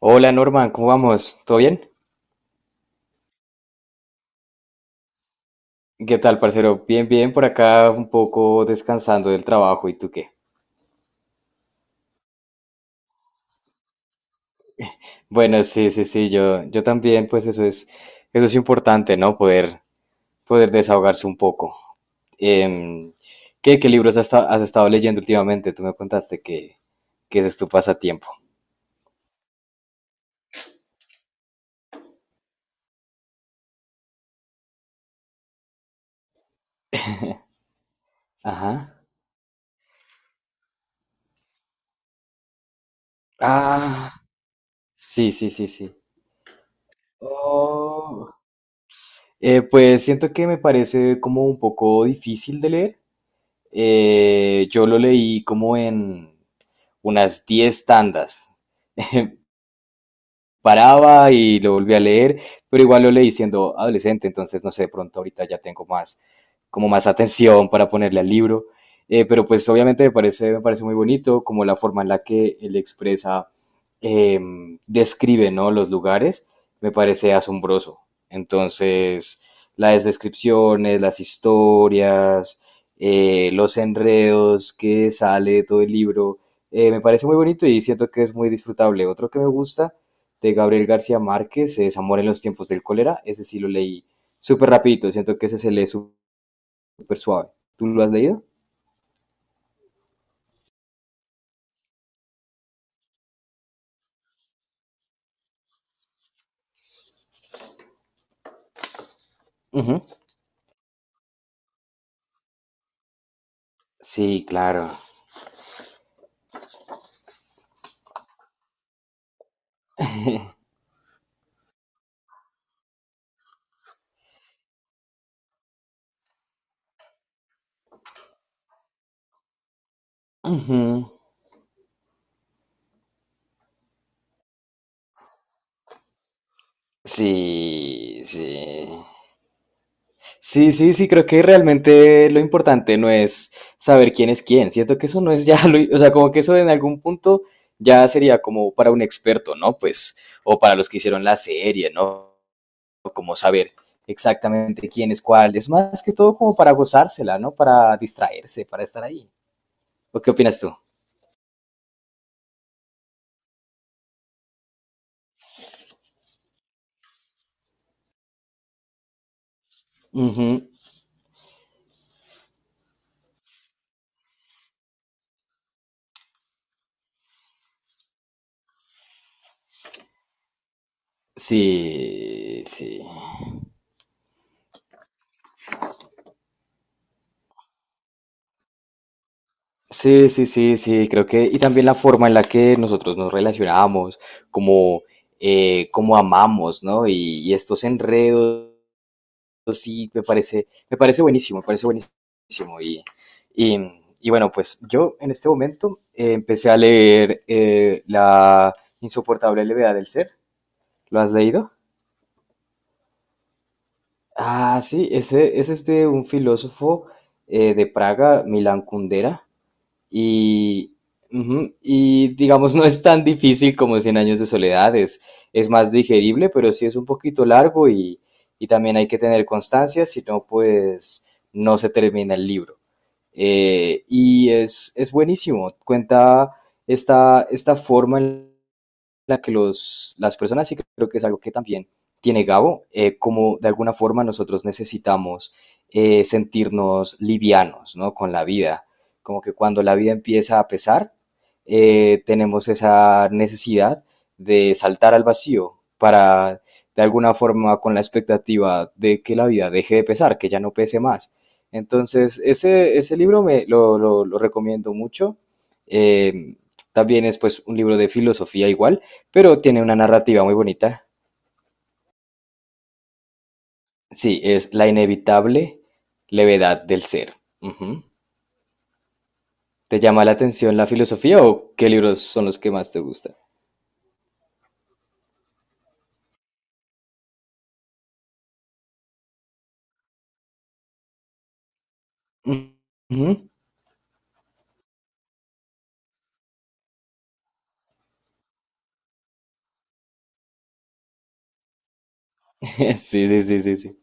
Hola Norman, ¿cómo vamos? ¿Todo bien? ¿Qué tal, parcero? Bien, bien, por acá un poco descansando del trabajo, ¿y tú qué? Bueno, sí, sí, sí, yo también, pues eso es importante, ¿no? Poder desahogarse un poco. Em, ¿Qué libros has estado leyendo últimamente? Tú me contaste que ese es tu pasatiempo. Ajá. Ah, sí, sí, sí, sí. Oh. Pues siento que me parece como un poco difícil de leer. Yo lo leí como en unas 10 tandas. Paraba y lo volví a leer, pero igual lo leí siendo adolescente, entonces no sé, de pronto ahorita ya tengo más, como más atención para ponerle al libro, pero pues obviamente me parece muy bonito como la forma en la que él expresa, describe, ¿no? Los lugares, me parece asombroso. Entonces, las descripciones, las historias, los enredos que sale de todo el libro, me parece muy bonito y siento que es muy disfrutable. Otro que me gusta de Gabriel García Márquez, es Amor en los tiempos del cólera. Ese sí lo leí súper rapidito, siento que ese se lee súper suave. ¿Tú lo has leído? Ujú. Sí, claro. Ujú. Sí, sí. Sí, sí, sí, creo que realmente lo importante no es saber quién es quién. Siento que eso no es ya lo, o sea, como que eso en algún punto ya sería como para un experto, ¿no? Pues, o para los que hicieron la serie, ¿no? Como saber exactamente quién es cuál. Es más que todo como para gozársela, ¿no? Para distraerse, para estar ahí. ¿O qué opinas tú? Ujú. Sí, sí. Sí, sí, sí, sí, creo que, y también la forma en la que nosotros nos relacionamos, como, como amamos, ¿no? Y estos enredos sí, me parece buenísimo, me parece buenísimo. Y, y bueno, pues yo en este momento empecé a leer la insoportable levedad del ser. ¿Lo has leído? Ah, sí, ese es este un filósofo de Praga, Milan Kundera. Y, ujú, y digamos, no es tan difícil como Cien años de soledad, es más digerible, pero sí es un poquito largo y también hay que tener constancia, si no, pues no se termina el libro. Y es buenísimo, cuenta esta forma en la que las personas, y creo que es algo que también tiene Gabo, como de alguna forma nosotros necesitamos sentirnos livianos, ¿no? Con la vida. Como que cuando la vida empieza a pesar, tenemos esa necesidad de saltar al vacío para, de alguna forma, con la expectativa de que la vida deje de pesar, que ya no pese más. Entonces, ese libro me lo recomiendo mucho. Eh, también es pues un libro de filosofía igual pero tiene una narrativa muy bonita. Sí, es la inevitable levedad del ser. Ujú. ¿Te llama la atención la filosofía o qué libros son los que más te gustan? Ujú. Sí, sí, sí, sí, sí.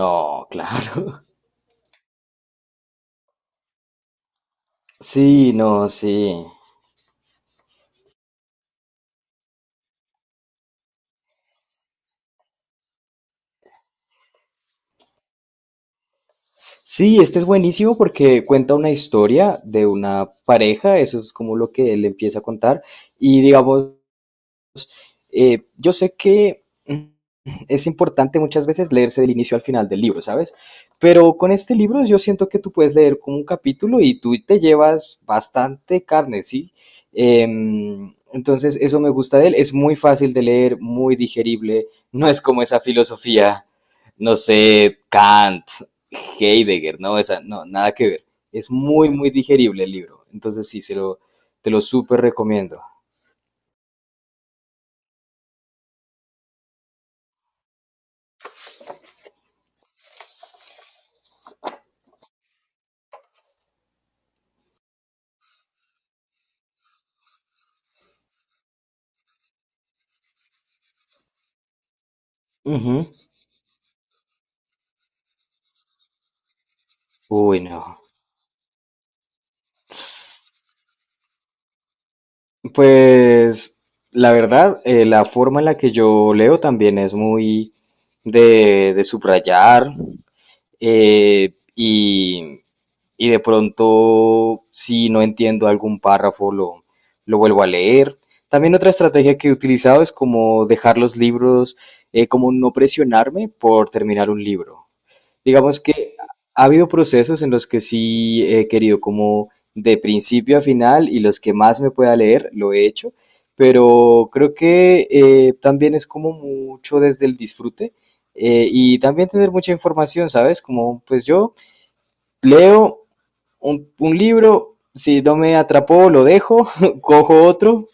No, claro. Sí, no, sí. Sí, este es buenísimo porque cuenta una historia de una pareja, eso es como lo que él empieza a contar, y digamos, yo sé que es importante muchas veces leerse del inicio al final del libro, ¿sabes? Pero con este libro yo siento que tú puedes leer como un capítulo y tú te llevas bastante carne, ¿sí? Entonces eso me gusta de él, es muy fácil de leer, muy digerible, no es como esa filosofía, no sé, Kant, Heidegger, no, esa, no, nada que ver. Es muy, muy digerible el libro, entonces sí, te lo súper recomiendo. Ujú. Uy, no. Pues la verdad, la forma en la que yo leo también es muy de subrayar eh, y, y de pronto si no entiendo algún párrafo lo vuelvo a leer. También otra estrategia que he utilizado es como dejar los libros, como no presionarme por terminar un libro. Digamos que ha habido procesos en los que sí he querido como de principio a final y los que más me pueda leer lo he hecho, pero creo que también es como mucho desde el disfrute y también tener mucha información, ¿sabes? Como pues yo leo un libro, si no me atrapó, lo dejo, cojo otro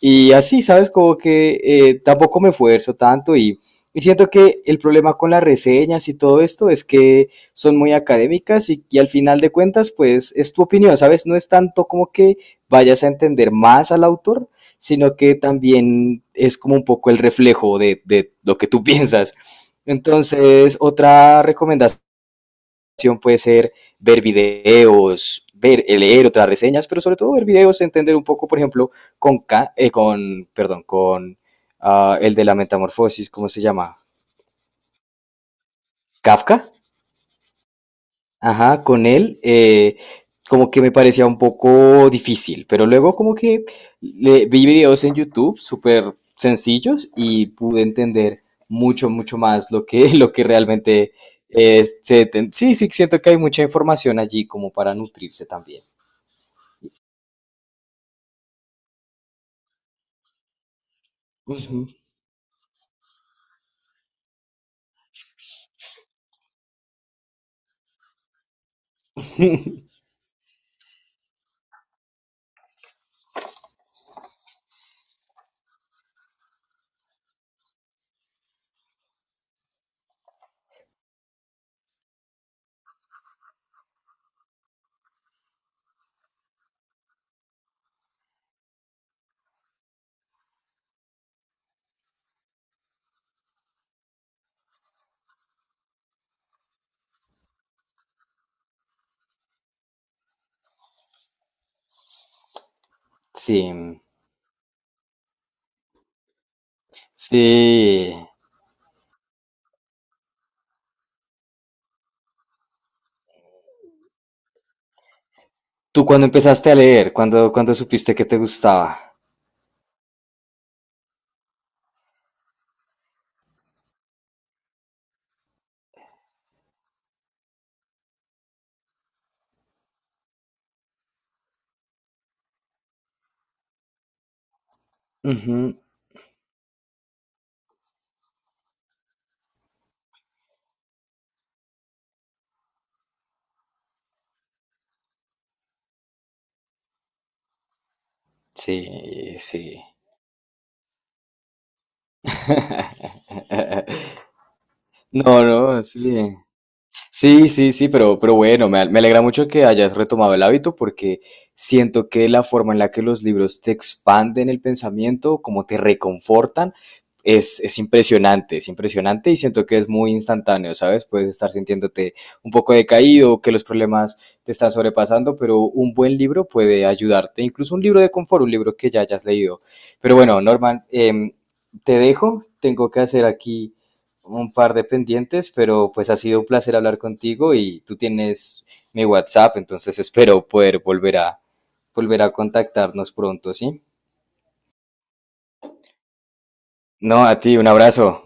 y así, ¿sabes? Como que tampoco me esfuerzo tanto y siento que el problema con las reseñas y todo esto es que son muy académicas y al final de cuentas, pues es tu opinión, ¿sabes? No es tanto como que vayas a entender más al autor, sino que también es como un poco el reflejo de lo que tú piensas. Entonces, otra recomendación puede ser ver videos, ver, leer otras reseñas, pero sobre todo ver videos, entender un poco, por ejemplo, con, con perdón, con el de la metamorfosis, ¿cómo se llama? Kafka, ajá, con él, como que me parecía un poco difícil, pero luego como que vi videos en YouTube súper sencillos y pude entender mucho, mucho más lo que, lo que realmente... sí, sí, siento que hay mucha información allí como para nutrirse también. Ujú. Sí, sí. ¿Tú cuando empezaste a leer? ¿Cuándo supiste que te gustaba? Ujú. Sí, sí. No, no, sí. Sí, sí, sí, pero bueno, me alegra mucho que hayas retomado el hábito porque siento que la forma en la que los libros te expanden el pensamiento, como te reconfortan, es impresionante y siento que es muy instantáneo, ¿sabes? Puedes estar sintiéndote un poco decaído, que los problemas te están sobrepasando, pero un buen libro puede ayudarte, incluso un libro de confort, un libro que ya hayas leído. Pero bueno, Norman, te dejo, tengo que hacer aquí un par de pendientes, pero pues ha sido un placer hablar contigo y tú tienes mi WhatsApp, entonces espero poder volver a contactarnos pronto, ¿sí? No, a ti, un abrazo.